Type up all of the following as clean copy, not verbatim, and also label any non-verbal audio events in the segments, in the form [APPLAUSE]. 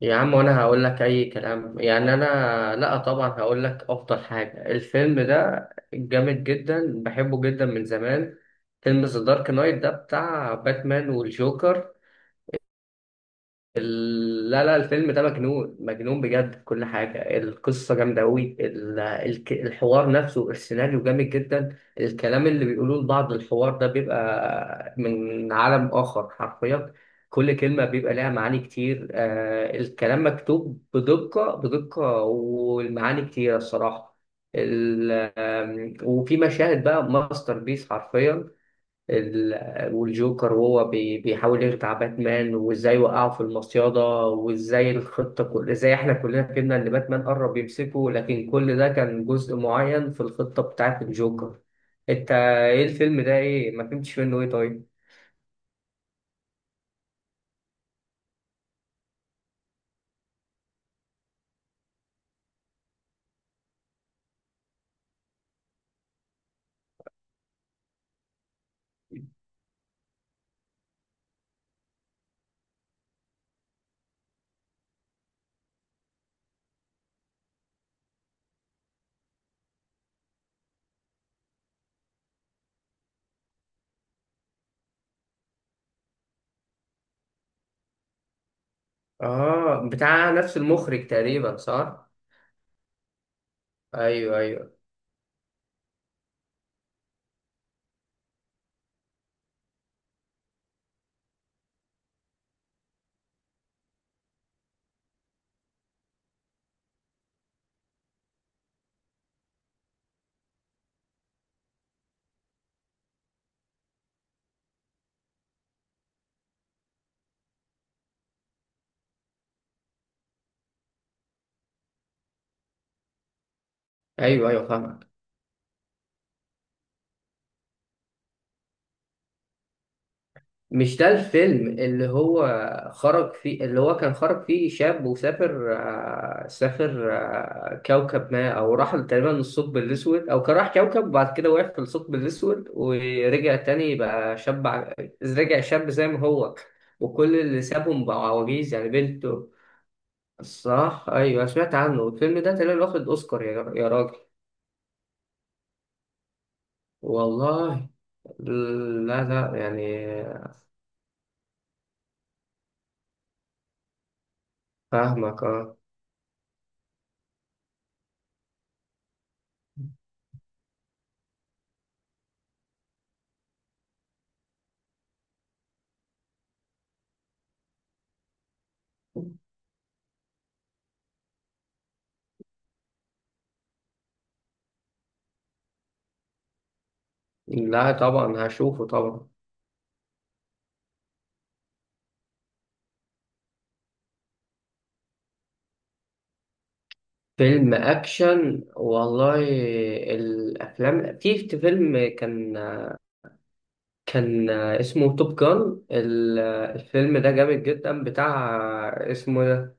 يا عم وانا هقول لك اي كلام يعني لا طبعا هقول لك افضل حاجه. الفيلم ده جامد جدا، بحبه جدا من زمان. فيلم ذا دارك نايت ده بتاع باتمان والجوكر. لا لا الفيلم ده مجنون بجد في كل حاجة. القصة جامدة أوي، الحوار نفسه، السيناريو جامد جدا، الكلام اللي بيقولوه لبعض، الحوار ده بيبقى من عالم آخر حرفيا. كل كلمة بيبقى لها معاني كتير، الكلام مكتوب بدقة والمعاني كتيرة الصراحة. ال- وفي مشاهد بقى ماستر بيس حرفيا. والجوكر وهو بيحاول يخدع باتمان، وازاي وقعه في المصيادة، وازاي الخطة، كل ازاي احنا كلنا فهمنا ان باتمان قرب يمسكه، لكن كل ده كان جزء معين في الخطة بتاعت الجوكر. انت ايه الفيلم ده؟ ايه ما فهمتش منه ايه؟ طيب. اه، بتاع نفس المخرج تقريبا صح. ايوه ايوه ايوه ايوه فاهم. مش ده الفيلم اللي هو خرج فيه، اللي هو كان خرج فيه شاب وسافر، سافر كوكب ما، او راح تقريبا للثقب الاسود، او كان راح كوكب وبعد كده وقف في الثقب الاسود ورجع تاني بقى شاب. رجع شاب زي ما هو، وكل اللي سابهم بقوا عواجيز يعني بنته. الصراحة ايوه، سمعت عنه الفيلم ده تقريبا واخد اوسكار يا راجل. والله. لا لا يعني. فاهمك اه. لا طبعا هشوفه طبعا. فيلم اكشن والله. الافلام، في فيلم كان اسمه توب جان، الفيلم ده جامد جدا بتاع. اسمه ده.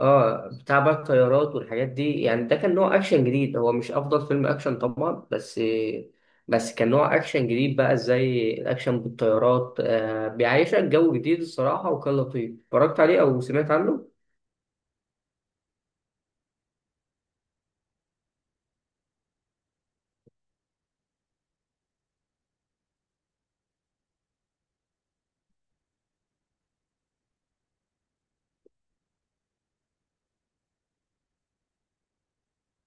اه، بتاع بقى الطيارات والحاجات دي، يعني ده كان نوع اكشن جديد، هو مش افضل فيلم اكشن طبعا، بس كان نوع اكشن جديد بقى، زي الاكشن بالطيارات، آه بيعيشك جو جديد الصراحة، وكان لطيف اتفرجت عليه او سمعت عنه.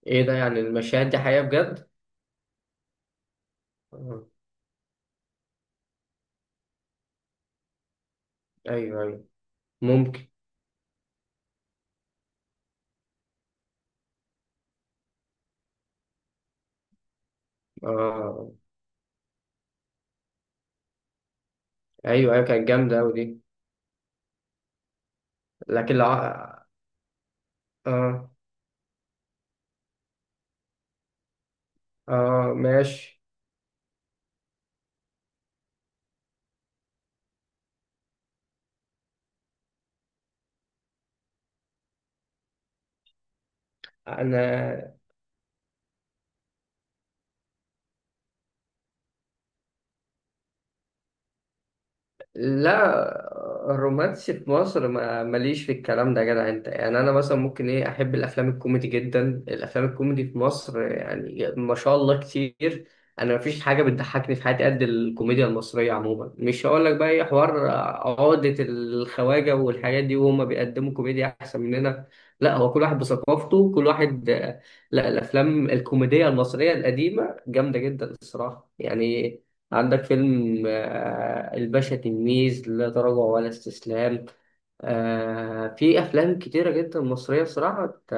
ايه ده، يعني المشاهد دي حقيقة بجد؟ آه، ايوه ايوه. ممكن. اه ايوه ايوه، كانت جامده قوي دي. لكن لو اه. اه ماشي. انا. لا الرومانسي في مصر ما ماليش في الكلام ده يا جدع انت، يعني انا مثلا ممكن ايه احب الافلام الكوميدي جدا، الافلام الكوميدي في مصر يعني ما شاء الله كتير. انا مفيش حاجه بتضحكني في حياتي قد الكوميديا المصريه عموما، مش هقول لك بقى ايه حوار عقده الخواجه والحاجات دي وهم بيقدموا كوميديا احسن مننا. لا هو كل واحد بثقافته كل واحد. لا الافلام الكوميديه المصريه القديمه جامده جدا الصراحه يعني. عندك فيلم الباشا تلميذ، لا تراجع ولا استسلام، في أفلام كتيرة جدا مصرية بصراحة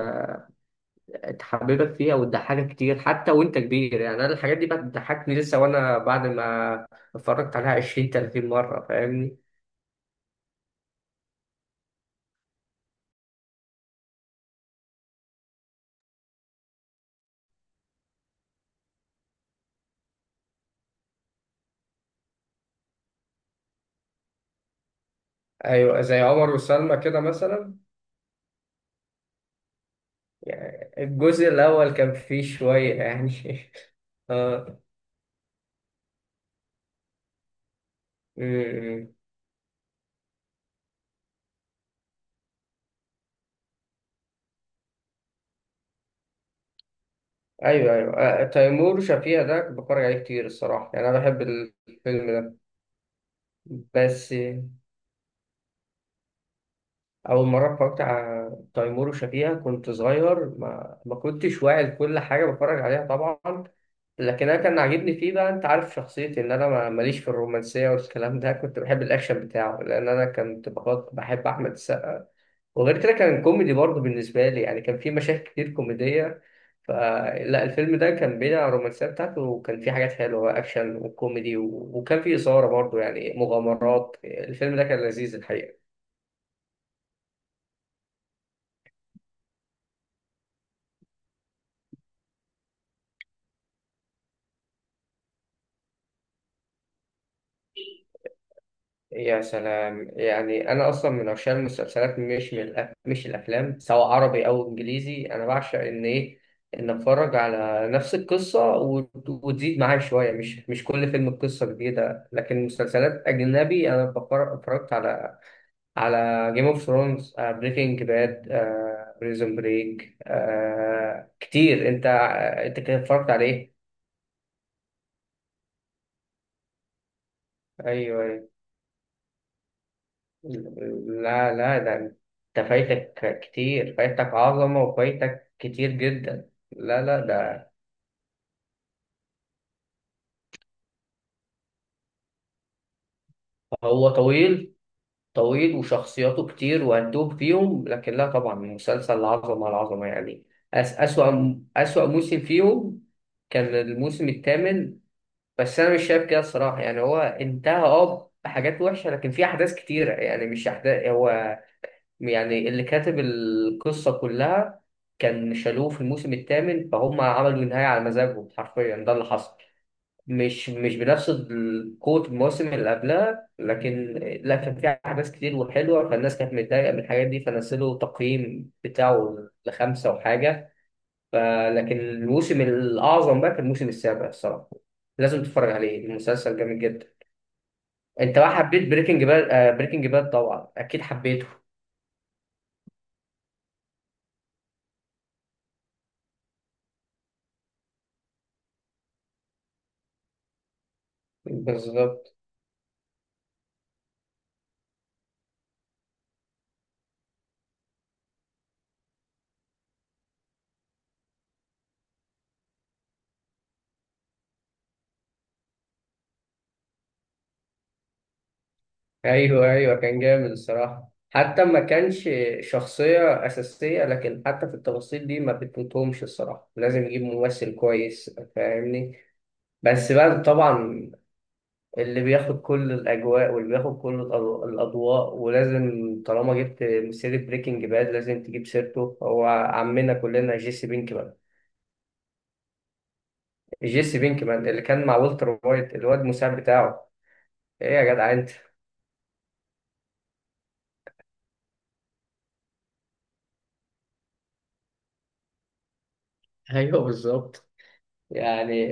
تحببك فيها وتضحكك كتير حتى وأنت كبير، يعني أنا الحاجات دي بقى بتضحكني لسه وأنا بعد ما اتفرجت عليها 20 30 مرة فاهمني. ايوه زي عمر وسلمى كده مثلا. يعني الجزء الأول كان فيه شوية يعني [LAUGHS] آه. أمم. أيوه أيوه، تيمور وشفيقة ده بتفرج عليه كتير الصراحة، يعني أنا بحب الفيلم ده. بس أول مرة اتفرجت على تيمور وشفيقة كنت صغير، ما كنتش واعي لكل حاجة بتفرج عليها طبعا، لكن أنا كان عاجبني فيه. بقى أنت عارف شخصيتي إن أنا ماليش في الرومانسية والكلام ده، كنت بحب الأكشن بتاعه، لأن أنا كنت بحب أحمد السقا، وغير كده كان كوميدي برضه بالنسبة لي، يعني كان فيه مشاهد كتير كوميدية. فلا الفيلم ده كان بين الرومانسية بتاعته وكان فيه حاجات حلوة، أكشن وكوميدي وكان فيه إثارة برضه، يعني مغامرات. الفيلم ده كان لذيذ الحقيقة. يا سلام، يعني انا اصلا من عشاق المسلسلات مش من مش الافلام، سواء عربي او انجليزي، انا بعشق ان ايه، ان اتفرج على نفس القصه وتزيد معايا شويه، مش مش كل فيلم قصه جديده. لكن مسلسلات اجنبي انا اتفرجت على على جيم اوف ثرونز، بريكنج باد، بريزون بريك، كتير. انت انت كده اتفرجت على ايه؟ ايوه. لا لا ده، انت فايتك كتير، فايتك عظمة وفايتك كتير جدا. لا لا ده. هو طويل، طويل وشخصياته كتير وهتوه فيهم، لكن لا طبعا مسلسل عظمة على عظمة يعني. أس أسوأ أسوأ موسم فيهم كان الموسم الثامن، بس أنا مش شايف كده الصراحة، يعني هو انتهى اه بحاجات وحشة، لكن في أحداث كتيرة يعني مش أحداث هو، يعني اللي كاتب القصة كلها كان شالوه في الموسم الثامن، فهم عملوا النهاية على مزاجهم حرفيا، ده اللي حصل. مش بنفس قوة الموسم اللي قبلها، لكن لا كان فيها أحداث كتير وحلوة، فالناس كانت متضايقة من الحاجات دي فنزلوا تقييم بتاعه لخمسة وحاجة. فلكن الموسم الأعظم بقى كان الموسم السابع الصراحة، لازم تتفرج عليه، المسلسل جامد جدا. أنت بقى حبيت بريكنج باد؟ بريكنج باد طبعا أكيد حبيته. بالظبط. ايوه ايوه كان جامد الصراحه، حتى ما كانش شخصيه اساسيه، لكن حتى في التفاصيل دي ما بتفوتهمش الصراحه، لازم يجيب ممثل كويس. فاهمني. بس بقى طبعا اللي بياخد كل الاجواء واللي بياخد كل الاضواء، ولازم طالما جبت سيره بريكنج باد لازم تجيب سيرته، هو عمنا كلنا جيسي بينكمان. جيسي بينكمان اللي كان مع والتر وايت، الواد المساعد بتاعه. ايه يا جدع انت. ايوه بالظبط يعني.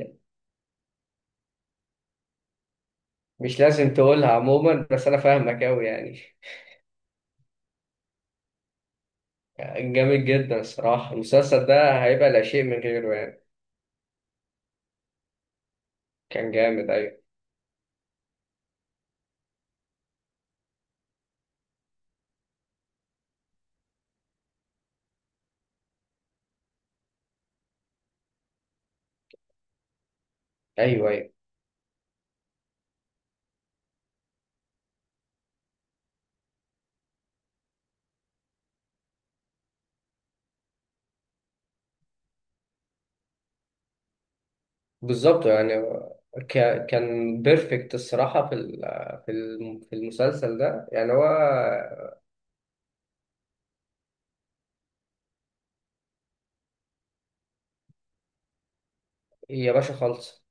مش لازم تقولها عموما، بس انا فاهمك اوي يعني. كان جامد جدا الصراحه المسلسل ده، هيبقى لا شيء من غيره يعني. كان جامد ايوه. ايوه بالظبط يعني. كان بيرفكت الصراحه في في في المسلسل ده يعني هو. يا باشا خالص.